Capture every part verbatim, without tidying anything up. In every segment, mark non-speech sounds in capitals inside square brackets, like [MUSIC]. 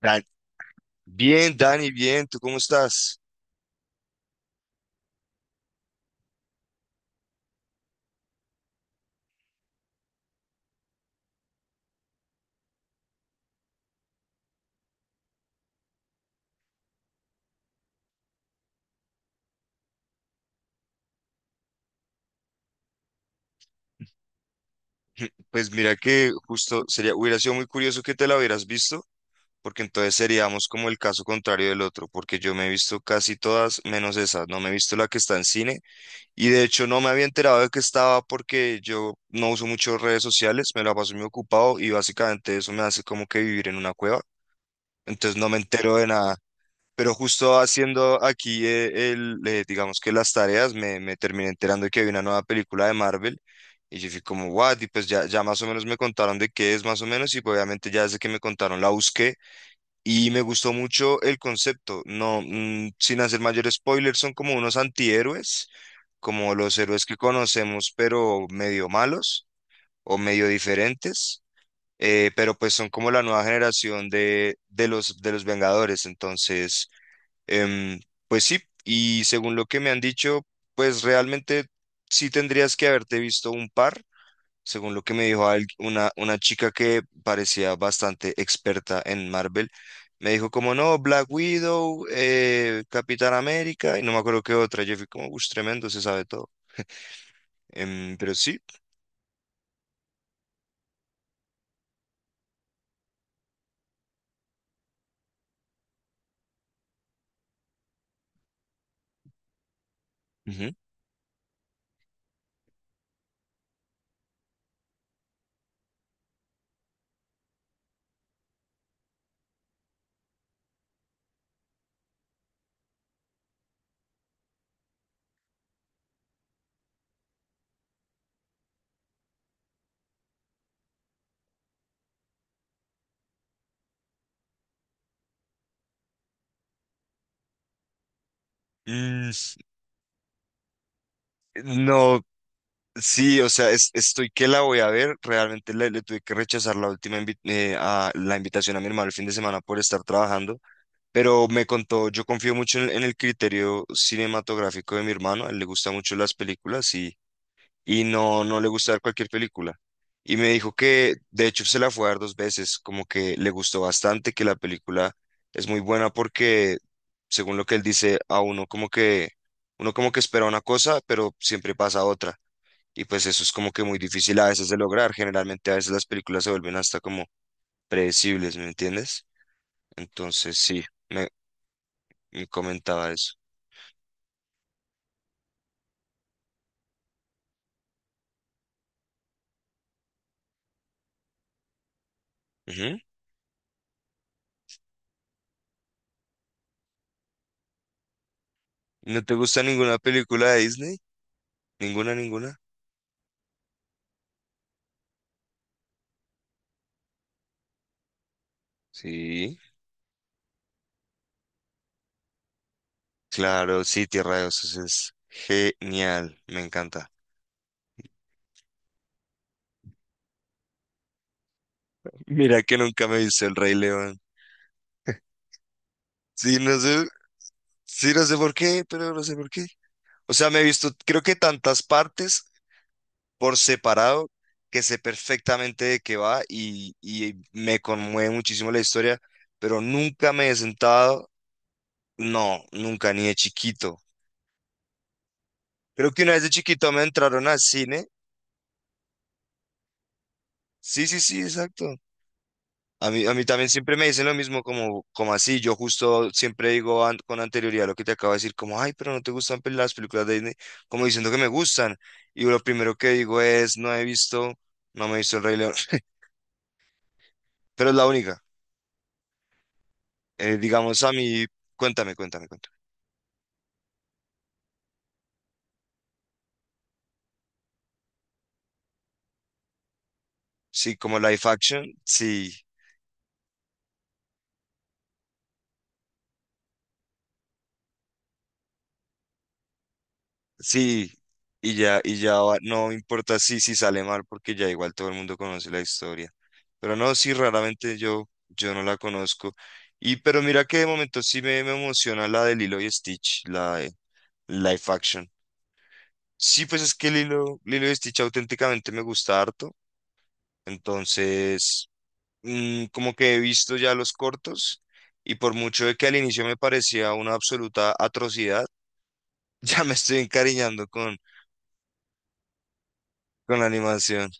Dan- Bien, Dani, bien, ¿tú cómo estás? Pues mira que justo sería, hubiera sido muy curioso que te la hubieras visto, porque entonces seríamos como el caso contrario del otro, porque yo me he visto casi todas menos esa, no me he visto la que está en cine, y de hecho no me había enterado de que estaba porque yo no uso mucho redes sociales, me la paso muy ocupado y básicamente eso me hace como que vivir en una cueva, entonces no me entero de nada. Pero justo haciendo aquí eh, el, eh, digamos que las tareas, me, me terminé enterando de que había una nueva película de Marvel. Y yo fui como, what? Y pues ya, ya más o menos me contaron de qué es más o menos. Y pues obviamente ya desde que me contaron la busqué. Y me gustó mucho el concepto. No, mm, sin hacer mayor spoiler, son como unos antihéroes, como los héroes que conocemos, pero medio malos o medio diferentes. Eh, pero pues son como la nueva generación de, de los, de los Vengadores. Entonces Em, pues sí, y según lo que me han dicho, pues realmente sí tendrías que haberte visto un par, según lo que me dijo al- una, una chica que parecía bastante experta en Marvel. Me dijo como, no, Black Widow, eh, Capitán América, y no me acuerdo qué otra. Yo fui como, uff, tremendo, se sabe todo. Em, pero sí. Ujú. Mm, no. Sí, o sea, es- estoy que la voy a ver. Realmente le, le tuve que rechazar la última invi- eh, a- la invitación a mi hermano el fin de semana por estar trabajando, pero me contó, yo confío mucho en, en el criterio cinematográfico de mi hermano, a él le gustan mucho las películas y, y no, no le gusta ver cualquier película. Y me dijo que, de hecho, se la fue a ver dos veces, como que le gustó bastante, que la película es muy buena porque, según lo que él dice, a uno como que, uno como que espera una cosa, pero siempre pasa otra. Y pues eso es como que muy difícil a veces de lograr. Generalmente a veces las películas se vuelven hasta como predecibles, ¿me entiendes? Entonces sí, me, me comentaba eso. Ujú. ¿No te gusta ninguna película de Disney? ¿Ninguna, ninguna? Sí, claro, sí, Tierra de Osos es genial, me encanta. Mira que nunca me he visto El Rey León. Sí, no sé, sí, no sé por qué, pero no sé por qué. O sea, me he visto creo que tantas partes por separado, que sé perfectamente de qué va y, y me conmueve muchísimo la historia, pero nunca me he sentado, no, nunca, ni de chiquito. Creo que una vez de chiquito me entraron al cine. Sí, sí, sí, exacto. A mí, a mí también siempre me dicen lo mismo, como, como así. Yo justo siempre digo an- con anterioridad lo que te acabo de decir, como, ay, pero no te gustan pel- las películas de Disney, como diciendo que me gustan. Y lo primero que digo es, no he visto, no me he visto El Rey León, [LAUGHS] pero es la única. Eh, digamos a mí, cuéntame, cuéntame, cuéntame. Sí, como live action, sí, sí, y ya, y ya va- no importa si, si sale mal, porque ya igual todo el mundo conoce la historia. Pero no, sí, raramente yo, yo no la conozco. Y pero mira que de momento sí me, me emociona la de Lilo y Stitch, la de live action. Sí, pues es que Lilo, Lilo y Stitch auténticamente me gusta harto. Entonces, mm, como que he visto ya los cortos y por mucho de que al inicio me parecía una absoluta atrocidad, [LAUGHS] ya me estoy encariñando con, con la animación.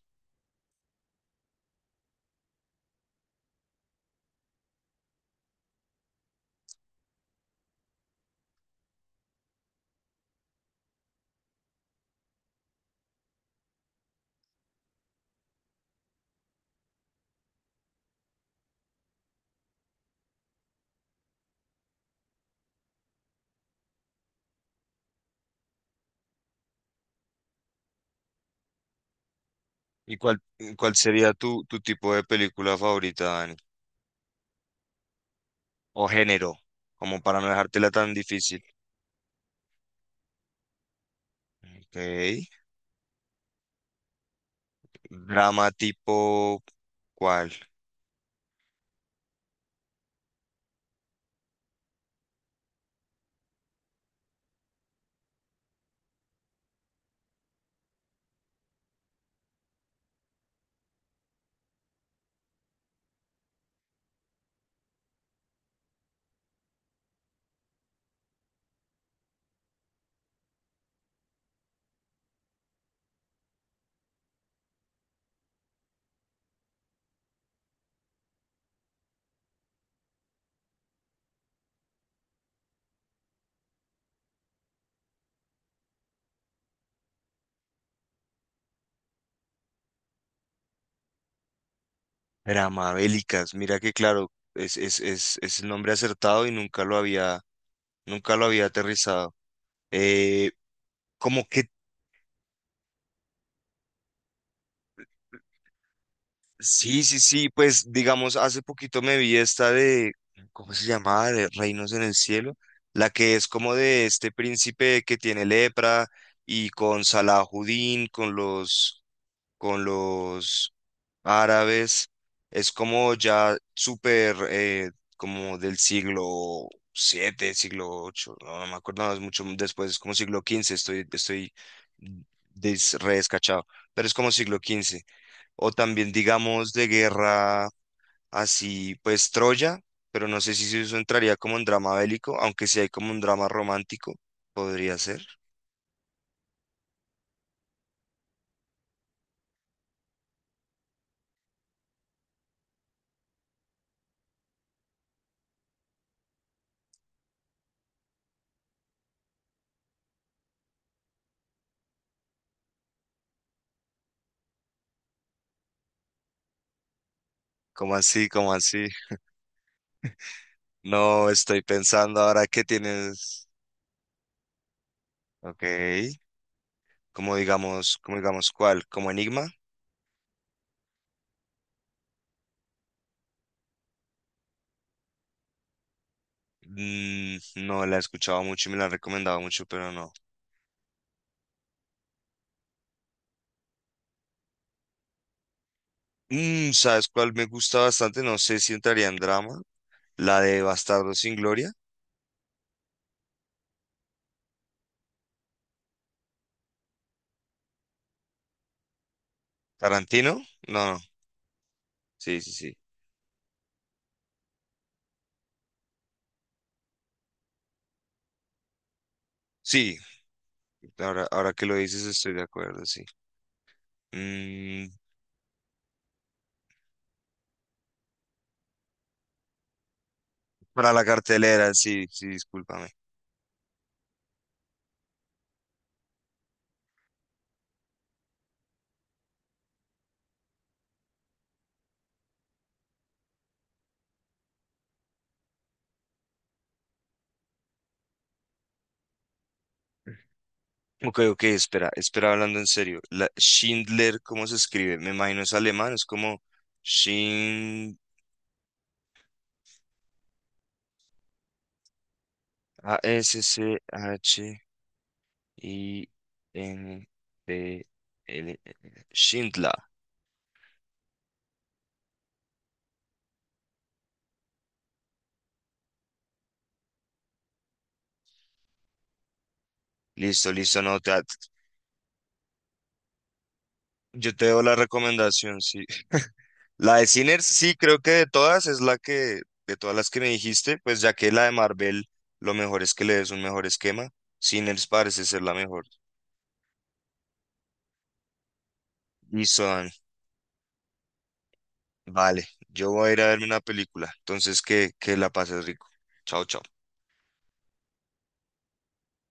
¿Y cuál, ¿Cuál sería tu, tu tipo de película favorita, Dani? O género, como para no dejártela tan difícil. Ok. Drama tipo, ¿cuál? Drama bélicas. Mira que claro, es, es, es, es el nombre acertado y nunca lo había, nunca lo había aterrizado. Eh, Como qué. Sí, sí, sí, pues digamos, hace poquito me vi esta de, ¿cómo se llamaba? De Reinos en el Cielo, la que es como de este príncipe que tiene lepra y con Salahuddin, con los, con los árabes, es como ya súper, eh, como del siglo siete, siglo ocho. No, no me acuerdo, no, es mucho después, es como siglo quince. Estoy, estoy mm, des- re descachado, pero es como siglo quince o también digamos de guerra así pues Troya, pero no sé si eso entraría como un drama bélico, aunque sí hay como un drama romántico, podría ser. ¿Cómo así? ¿Cómo así? No estoy pensando ahora que tienes. Ok. Como digamos, como digamos, ¿cuál? ¿Como Enigma? Mm, no la he escuchado mucho y me la han recomendado mucho, pero no. Mm, ¿sabes cuál me gusta bastante? No sé si entraría en drama. La de Bastardo sin Gloria. ¿Tarantino? No, no. Sí, sí, sí. Sí, ahora, ahora que lo dices, estoy de acuerdo, sí. Mm, para la cartelera, sí, sí, discúlpame. Ok, ok, espera, espera, hablando en serio. La Schindler, ¿cómo se escribe? Me imagino es alemán, es como Schind... A S C H I N D L. Schindler. Listo, listo, no, te- yo te doy la recomendación, sí. La de Sinners, sí, creo que de todas es la que, de todas las que me dijiste, pues ya que la de Marvel, lo mejor es que le des un mejor esquema. Sinners parece ser la mejor. Y son, vale, yo voy a ir a verme una película, entonces que, que la pases rico. Chao, chao.